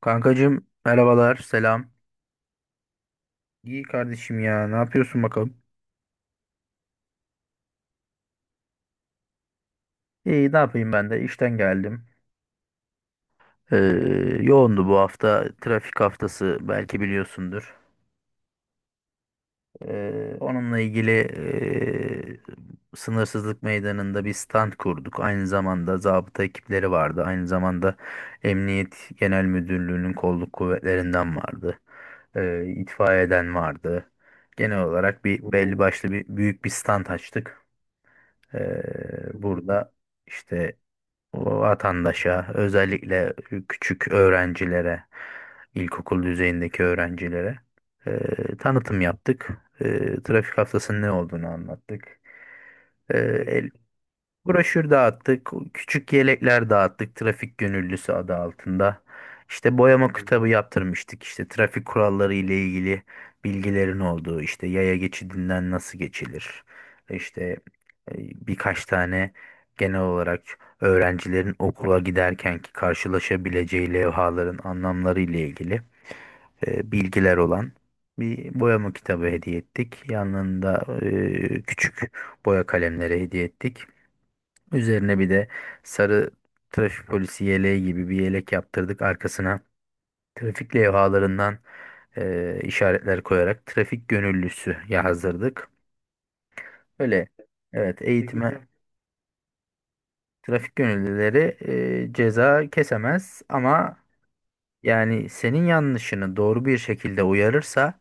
Kankacığım merhabalar selam. İyi kardeşim ya ne yapıyorsun bakalım? İyi ne yapayım ben de işten geldim. Ee, yoğundu bu hafta trafik haftası belki biliyorsundur. Onunla ilgili sınırsızlık meydanında bir stand kurduk. Aynı zamanda zabıta ekipleri vardı. Aynı zamanda Emniyet Genel Müdürlüğü'nün kolluk kuvvetlerinden vardı. İtfaiyeden vardı. Genel olarak bir belli başlı bir büyük bir stand açtık. Burada işte vatandaşa özellikle küçük öğrencilere, ilkokul düzeyindeki öğrencilere tanıtım yaptık. Trafik haftasının ne olduğunu anlattık. E, el- Broşür dağıttık, küçük yelekler dağıttık trafik gönüllüsü adı altında. İşte boyama kitabı yaptırmıştık işte trafik kuralları ile ilgili bilgilerin olduğu işte yaya geçidinden nasıl geçilir. İşte birkaç tane genel olarak öğrencilerin okula giderkenki karşılaşabileceği levhaların anlamları ile ilgili bilgiler olan bir boyama kitabı hediye ettik. Yanında küçük boya kalemleri hediye ettik. Üzerine bir de sarı trafik polisi yeleği gibi bir yelek yaptırdık. Arkasına trafik levhalarından işaretler koyarak trafik gönüllüsü yazdırdık. Öyle, evet. Ne güzel. Trafik gönüllüleri ceza kesemez ama yani senin yanlışını doğru bir şekilde uyarırsa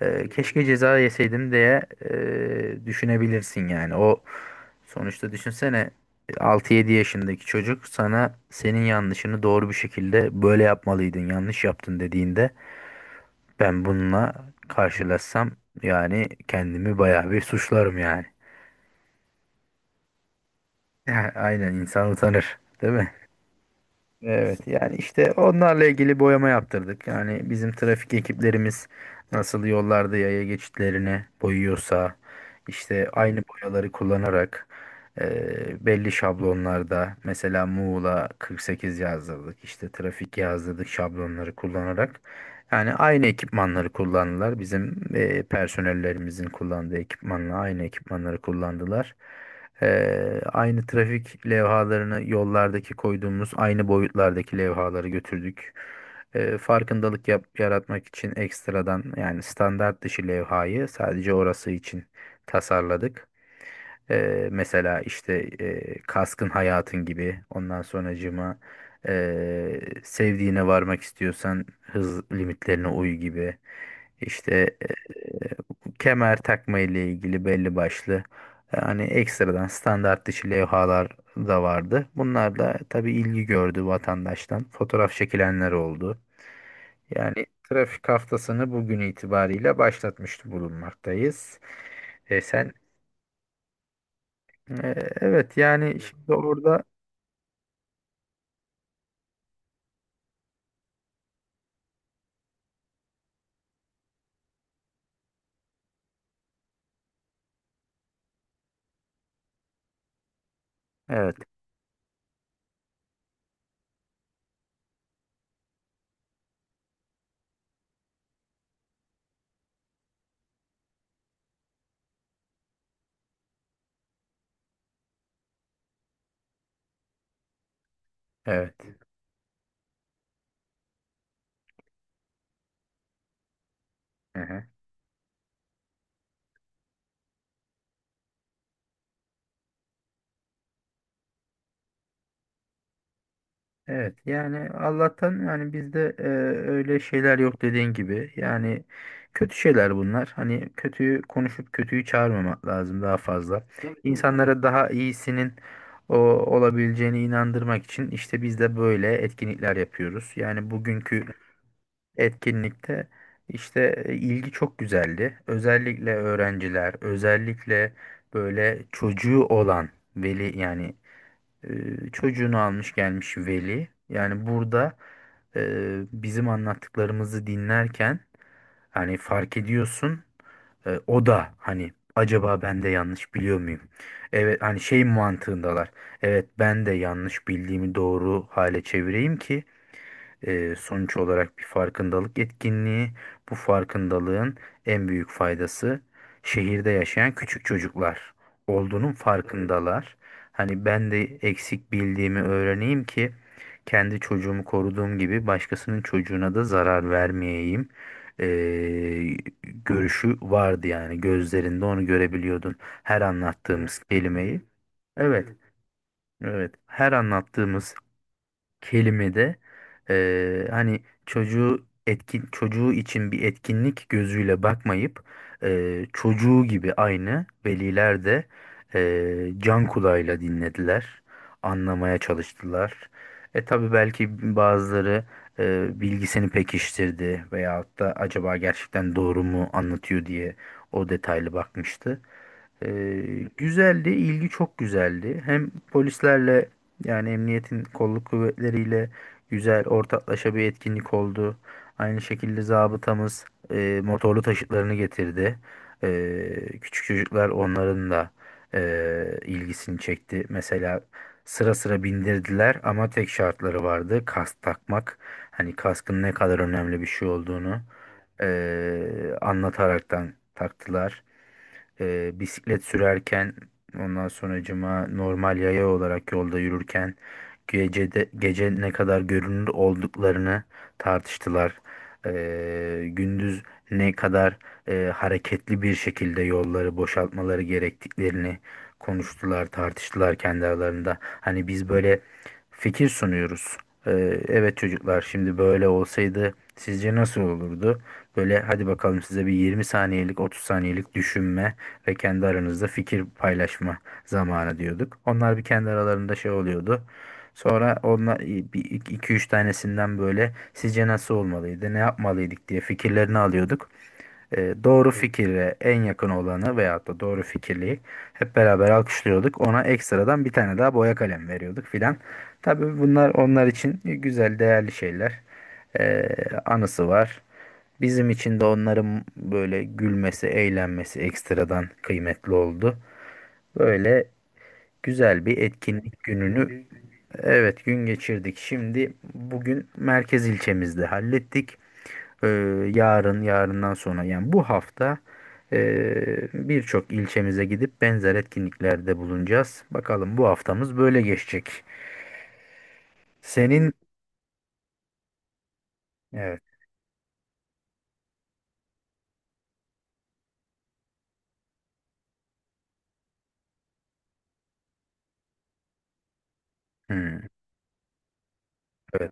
keşke ceza yeseydim diye düşünebilirsin yani. O sonuçta düşünsene, 6-7 yaşındaki çocuk sana senin yanlışını doğru bir şekilde böyle yapmalıydın, yanlış yaptın dediğinde, ben bununla karşılaşsam yani kendimi bayağı bir suçlarım yani. Aynen, insan utanır, değil mi? Evet, yani işte onlarla ilgili boyama yaptırdık. Yani bizim trafik ekiplerimiz nasıl yollarda yaya geçitlerini boyuyorsa işte aynı boyaları kullanarak belli şablonlarda mesela Muğla 48 yazdırdık işte trafik yazdırdık şablonları kullanarak. Yani aynı ekipmanları kullandılar. Bizim personellerimizin kullandığı ekipmanla aynı ekipmanları kullandılar. Aynı trafik levhalarını yollardaki koyduğumuz aynı boyutlardaki levhaları götürdük. Farkındalık yaratmak için ekstradan yani standart dışı levhayı sadece orası için tasarladık. Mesela işte kaskın hayatın gibi, ondan sonracığıma sevdiğine varmak istiyorsan hız limitlerine uy gibi işte eee, kemer takma ile ilgili belli başlı yani ekstradan standart dışı levhalar da vardı. Bunlar da tabii ilgi gördü vatandaştan. Fotoğraf çekilenler oldu. Yani trafik haftasını bugün itibariyle başlatmış bulunmaktayız. E, sen ee, Evet, yani şimdi orada. Evet. Evet. Aha. Evet, yani Allah'tan yani bizde öyle şeyler yok dediğin gibi yani, kötü şeyler bunlar, hani kötüyü konuşup kötüyü çağırmamak lazım. Daha fazla insanlara daha iyisinin o olabileceğine inandırmak için işte biz de böyle etkinlikler yapıyoruz yani. Bugünkü etkinlikte işte ilgi çok güzeldi. Özellikle öğrenciler, özellikle böyle çocuğu olan veli yani çocuğunu almış gelmiş veli. Yani burada bizim anlattıklarımızı dinlerken hani fark ediyorsun o da hani acaba ben de yanlış biliyor muyum? Evet, hani şey mantığındalar. Evet, ben de yanlış bildiğimi doğru hale çevireyim ki, sonuç olarak bir farkındalık etkinliği. Bu farkındalığın en büyük faydası, şehirde yaşayan küçük çocuklar olduğunun farkındalar. Hani ben de eksik bildiğimi öğreneyim ki kendi çocuğumu koruduğum gibi başkasının çocuğuna da zarar vermeyeyim. Ee, görüşü vardı yani, gözlerinde onu görebiliyordun her anlattığımız kelimeyi. Evet, evet. Her anlattığımız kelimede hani çocuğu etkin, çocuğu için bir etkinlik gözüyle bakmayıp çocuğu gibi aynı veliler de can kulağıyla dinlediler, anlamaya çalıştılar. E tabii belki bazıları bilgisini pekiştirdi veyahut da acaba gerçekten doğru mu anlatıyor diye o detaylı bakmıştı. Ee, güzeldi, ilgi çok güzeldi. Hem polislerle yani emniyetin kolluk kuvvetleriyle güzel ortaklaşa bir etkinlik oldu. Aynı şekilde zabıtamız motorlu taşıtlarını getirdi. Küçük çocuklar onların da ilgisini çekti. Mesela sıra sıra bindirdiler ama tek şartları vardı. Kask takmak. Hani kaskın ne kadar önemli bir şey olduğunu anlataraktan taktılar. Bisiklet sürerken ondan sonracıma normal yaya olarak yolda yürürken, gecede, gece ne kadar görünür olduklarını tartıştılar. Gündüz ne kadar hareketli bir şekilde yolları boşaltmaları gerektiklerini konuştular, tartıştılar kendi aralarında. Hani biz böyle fikir sunuyoruz. Evet çocuklar, şimdi böyle olsaydı sizce nasıl olurdu? Böyle hadi bakalım, size bir 20 saniyelik 30 saniyelik düşünme ve kendi aranızda fikir paylaşma zamanı diyorduk. Onlar bir kendi aralarında şey oluyordu. Sonra onlar bir iki üç tanesinden böyle sizce nasıl olmalıydı, ne yapmalıydık diye fikirlerini alıyorduk. E, doğru fikire en yakın olanı veyahut da doğru fikirliği hep beraber alkışlıyorduk. Ona ekstradan bir tane daha boya kalem veriyorduk filan. Tabii bunlar onlar için güzel, değerli şeyler. E, anısı var. Bizim için de onların böyle gülmesi, eğlenmesi ekstradan kıymetli oldu. Böyle güzel bir etkinlik gününü evet gün geçirdik. Şimdi bugün merkez ilçemizde hallettik. Yarın, yarından sonra yani bu hafta birçok ilçemize gidip benzer etkinliklerde bulunacağız. Bakalım bu haftamız böyle geçecek. Senin evet. Hmm. Evet.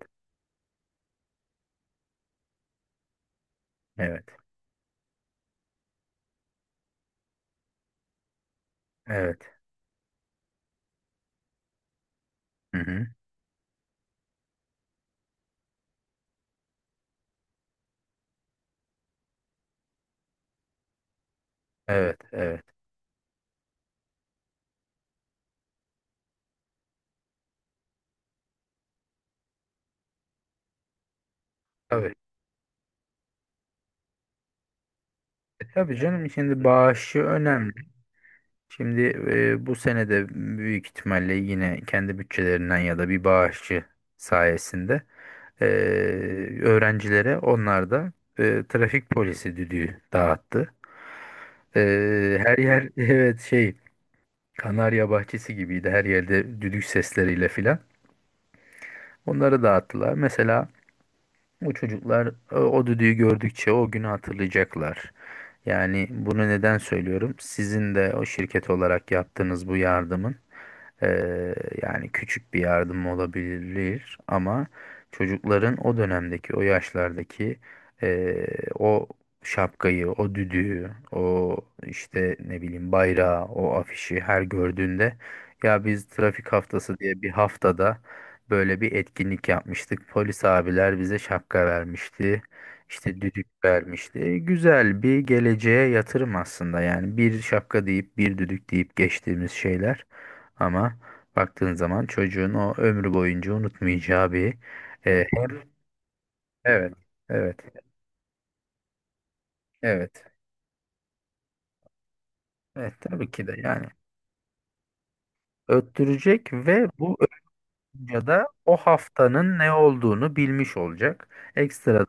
Evet. Evet. Hı hı. Evet. Evet. Tabii. Tabii canım, şimdi bağışı önemli. Şimdi bu sene de büyük ihtimalle yine kendi bütçelerinden ya da bir bağışçı sayesinde e, öğrencilere onlar da trafik polisi düdüğü dağıttı. Her yer evet, Kanarya bahçesi gibiydi, her yerde düdük sesleriyle filan. Onları dağıttılar. Mesela bu çocuklar o düdüğü gördükçe o günü hatırlayacaklar. Yani bunu neden söylüyorum? Sizin de o şirket olarak yaptığınız bu yardımın, eee, yani küçük bir yardım olabilir ama çocukların o dönemdeki, o yaşlardaki eee, o şapkayı, o düdüğü, o işte ne bileyim bayrağı, o afişi her gördüğünde, ya biz trafik haftası diye bir haftada böyle bir etkinlik yapmıştık. Polis abiler bize şapka vermişti. İşte düdük vermişti. Güzel bir geleceğe yatırım aslında. Yani bir şapka deyip bir düdük deyip geçtiğimiz şeyler. Ama baktığın zaman çocuğun o ömrü boyunca unutmayacağı bir e, hem- evet, evet, evet, evet, tabii ki de yani öttürecek ve bu öttürünce de o haftanın ne olduğunu bilmiş olacak. Ekstra.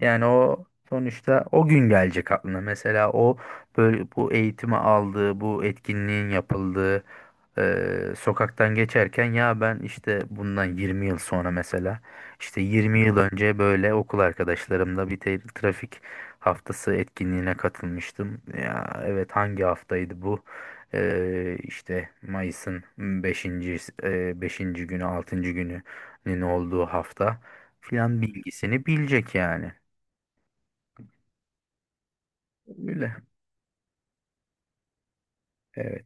Yani o sonuçta o gün gelecek aklına. Mesela o böyle bu eğitimi aldığı, bu etkinliğin yapıldığı sokaktan geçerken, ya ben işte bundan 20 yıl sonra, mesela işte 20 yıl önce böyle okul arkadaşlarımla bir trafik haftası etkinliğine katılmıştım. Ya evet, hangi haftaydı bu? İşte Mayıs'ın beşinci günü, 6. gününün olduğu hafta filan bilgisini bilecek yani. Öyle. Evet.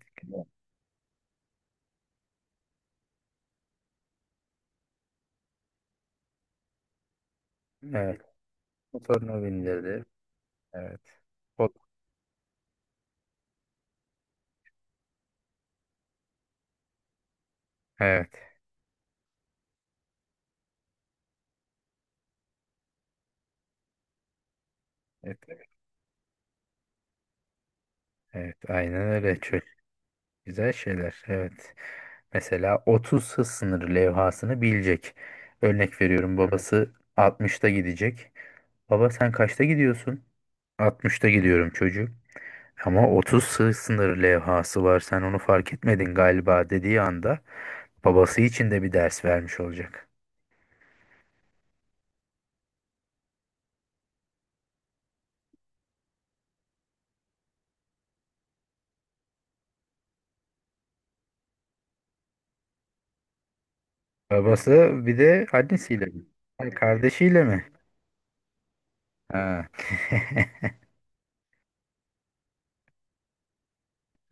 Evet. Motorunu bindirdi. Evet. Kod- Evet. Evet. Evet. Aynen öyle. Çok güzel şeyler. Evet. Mesela 30 hız sınırı levhasını bilecek. Örnek veriyorum. Babası 60'ta gidecek. Baba sen kaçta gidiyorsun? 60'ta gidiyorum çocuğum. Ama 30 hız sınırı levhası var. Sen onu fark etmedin galiba dediği anda babası için de bir ders vermiş olacak. Babası bir de annesiyle mi? Ha, kardeşiyle mi? Ha.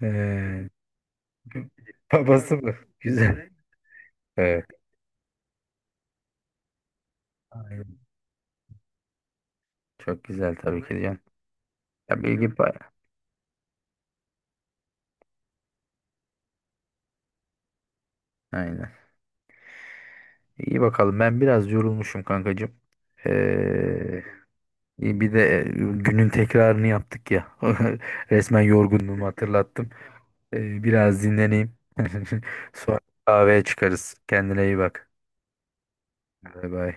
Ee, babası mı? Güzel. Evet. Aynen. Çok güzel, tabii ki diyorsun. Ya bilgi pay- Aynen. İyi bakalım. Ben biraz yorulmuşum kankacığım. Ee, iyi, bir de günün tekrarını yaptık ya. Resmen yorgunluğumu hatırlattım. Biraz dinleneyim. Sonra kahveye çıkarız. Kendine iyi bak. Bay bay.